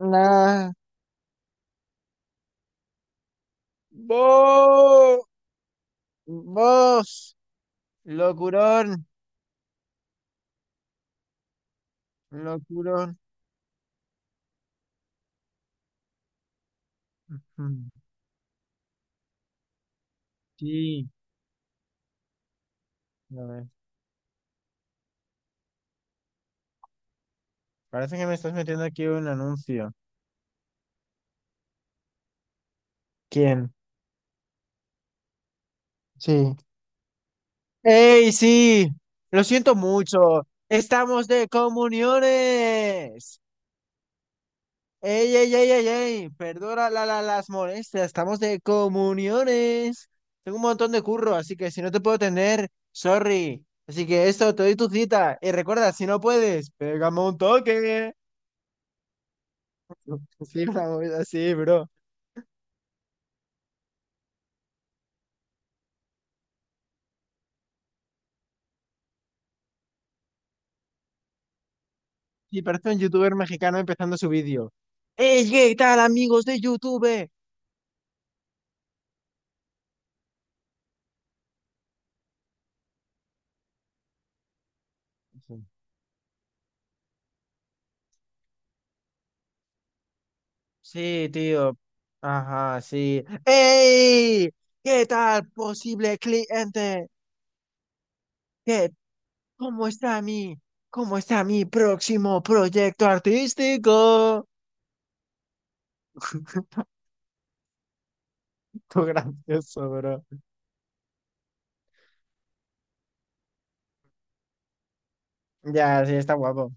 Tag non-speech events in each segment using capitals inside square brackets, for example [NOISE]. Nah. Vos, vos, locurón, locurón. Ujú. Sí, a ver. Parece que me estás metiendo aquí un anuncio. ¿Quién? Sí. ¡Ey, sí! Lo siento mucho. Estamos de comuniones. Ey, ey, ey, ey, ey, perdona las molestias, estamos de comuniones. Tengo un montón de curro, así que si no te puedo tener, sorry. Así que esto, te doy tu cita. Y recuerda, si no puedes, pégame un toque. [LAUGHS] Sí, una movida así, bro. Sí, parece un youtuber mexicano empezando su vídeo. ¡Ey, qué tal, amigos de YouTube! Sí, sí, tío. Ajá, sí. ¡Ey! ¿Qué tal, posible cliente? Qué ¿Cómo está cómo está mi próximo proyecto artístico? [LAUGHS] Tú gracioso, bro. Ya, sí, está guapo.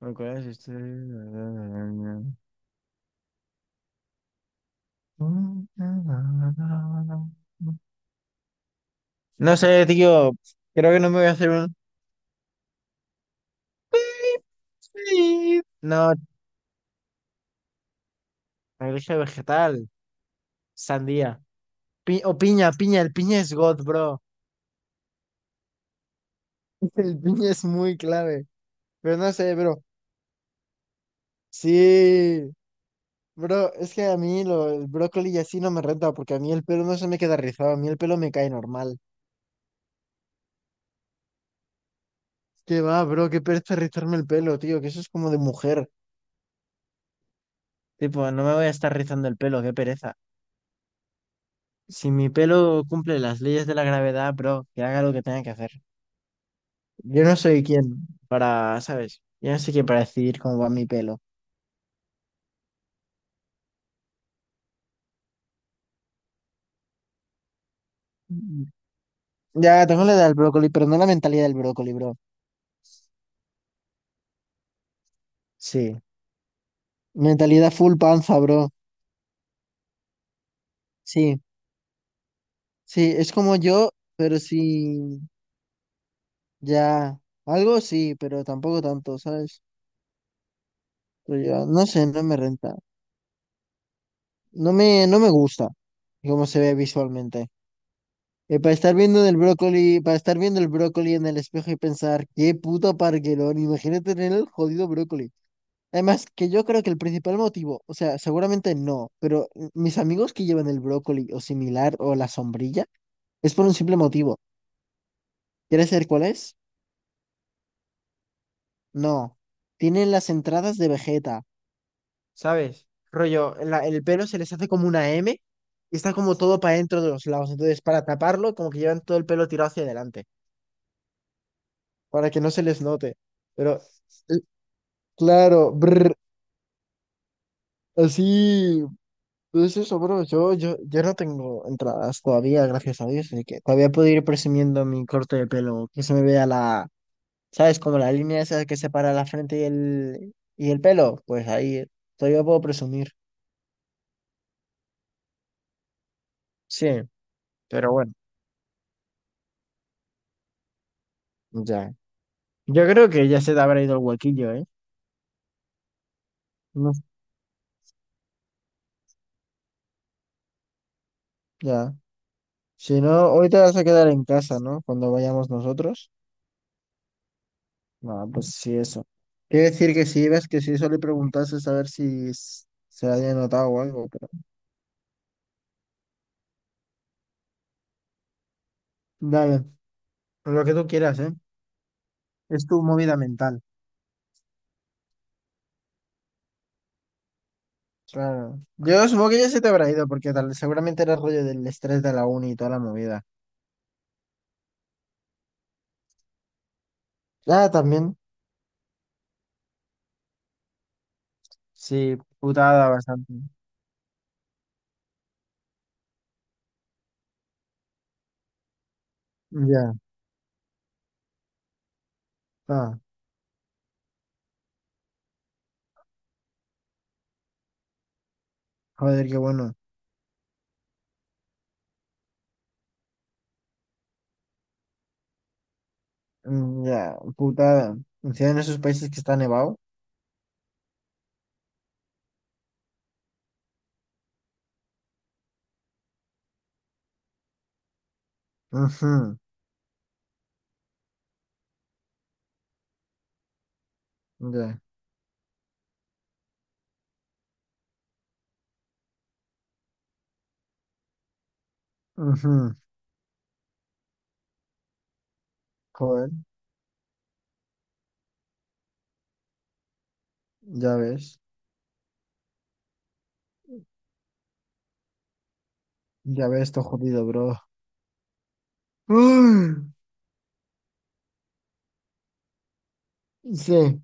Me acuerdo si No sé, tío. Creo que no me voy a hacer un... Sí. No, dije vegetal, sandía. Pi- o piña, piña. El piña es God, bro. [LAUGHS] El piña es muy clave. Pero no sé, bro. Sí. Bro, es que el brócoli y así no me renta, porque a mí el pelo no se me queda rizado, a mí el pelo me cae normal. ¿Qué va, bro? Qué pereza rizarme el pelo, tío, que eso es como de mujer. Tipo, no me voy a estar rizando el pelo, qué pereza. Si mi pelo cumple las leyes de la gravedad, bro, que haga lo que tenga que hacer. Yo no soy quien para, ¿sabes? Yo no soy quien para decidir cómo va mi pelo. Mm. Ya, tengo la edad del brócoli, pero no la mentalidad del brócoli, bro. Sí. Mentalidad full panza, bro. Sí, sí, es como yo, pero sí. Ya, algo sí, pero tampoco tanto, ¿sabes? Pero yo, no sé, no me renta. No me gusta cómo se ve visualmente. Para estar viendo el brócoli, para estar viendo el brócoli en el espejo y pensar, qué puto parguelón, imagínate tener el jodido brócoli. Además, que yo creo que el principal motivo, o sea, seguramente no, pero mis amigos que llevan el brócoli o similar o la sombrilla, es por un simple motivo. ¿Quieres saber cuál es? No. Tienen las entradas de Vegeta. ¿Sabes? Rollo, el pelo se les hace como una M y está como todo para dentro de los lados. Entonces, para taparlo, como que llevan todo el pelo tirado hacia adelante, para que no se les note. Pero, eh, claro, brr, así, pues eso, bro. Yo no tengo entradas todavía, gracias a Dios, así que todavía puedo ir presumiendo mi corte de pelo, que se me vea la, ¿sabes? Como la línea esa que separa la frente y el pelo. Pues ahí, todavía puedo presumir. Sí, pero bueno, ya. Yo creo que ya se te habrá ido el huequillo, ¿eh? No, ya. Si no, hoy te vas a quedar en casa, ¿no? Cuando vayamos nosotros. No, pues sí, eso. Quiere decir que si ibas, que si eso le preguntases a ver si s- se había notado o algo, pero... Dale, lo que tú quieras, ¿eh? Es tu movida mental. Claro. Yo supongo que ya se te habrá ido, porque tal, seguramente era rollo del estrés de la uni y toda la movida. Ah, también. Sí, putada bastante. Ya. Ah, joder, qué bueno. Mm, ya, putada. Si en esos países que está nevado. Ujú, ya. Ujú. Joder, ya ves. Ya ves, esto jodido, bro. Uy, sí.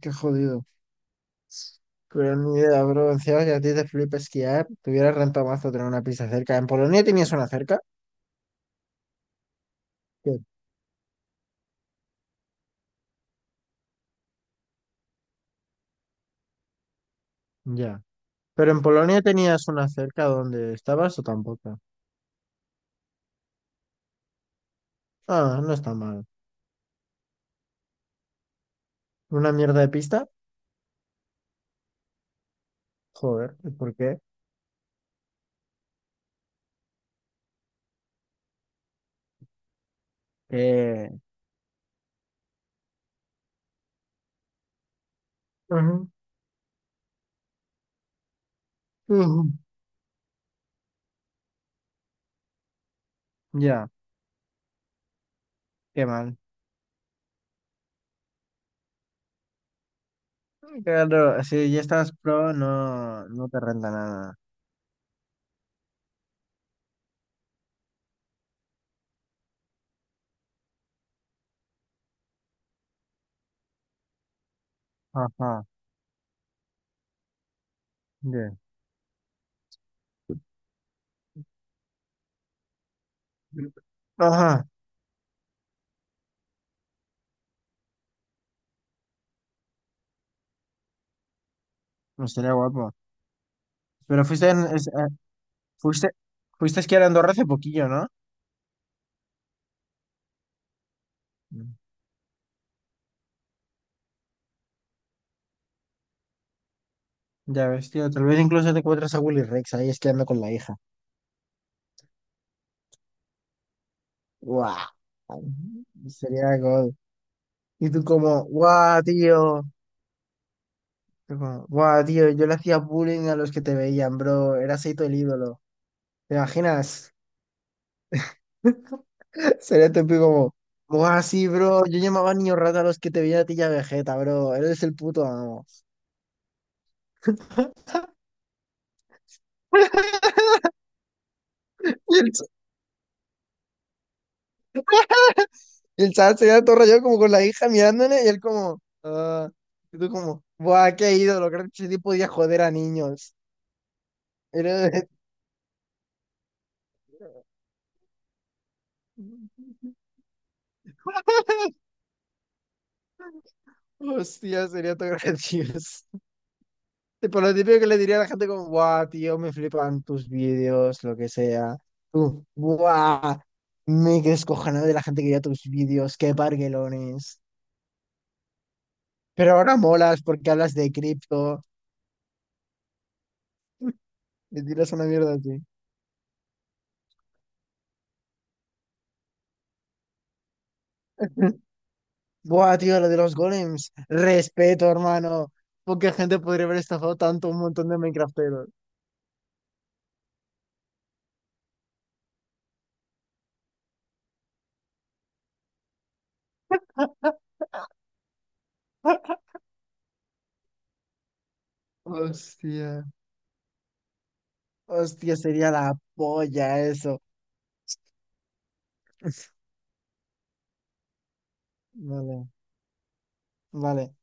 Qué jodido. Pero ni idea, bro. Encima que a ti te flipa esquiar, te hubiera rentado mazo tener una pista cerca. ¿En Polonia tenías una cerca? Sí. Ya. ¿Pero en Polonia tenías una cerca donde estabas o tampoco? Ah, no está mal. ¿Una mierda de pista? Joder, ¿por qué? Eh, Ujú. Ya, qué mal. Claro, si ya estás pro, no te renta nada. Ajá, bien. Ajá, no estaría guapo. Pero fuiste, en- es- fuiste, fuiste a esquiar a Andorra hace poquillo, ¿no? Mm. Ya ves, tío, tal vez incluso te encuentras a Willy Rex ahí esquiando con la hija. ¡Guau! Sería God. Y tú como, ¡guau, tío! Yo como, ¡guau, tío! Yo le hacía bullying a los que te veían, bro. Eras ahí todo el ídolo. ¿Te imaginas? Sería típico como, buah, sí, bro, yo llamaba niño rata a los que te veía a ti ya Vegeta, bro, eres el puto amo. [LAUGHS] Y el, ch- y el chaval sería todo rayado como con la hija mirándole y él como, ah, y tú como, buah, qué ídolo, creo que ese tipo podía joder a niños. Era- [LAUGHS] Hostia, sería todo gracioso. Tipo, lo típico que le diría a la gente como, guau, tío, me flipan tus vídeos, lo que sea. Tú, guau, me descojonado de la gente que veía tus vídeos, qué parguelones. Pero ahora molas porque hablas de cripto. Me tiras una mierda así. [LAUGHS] Buah, tío, lo de los golems. Respeto, hermano. Poca gente podría haber estafado tanto a un montón de Minecrafteros. Hostia. Hostia, sería la polla eso. [LAUGHS] Vale, vale.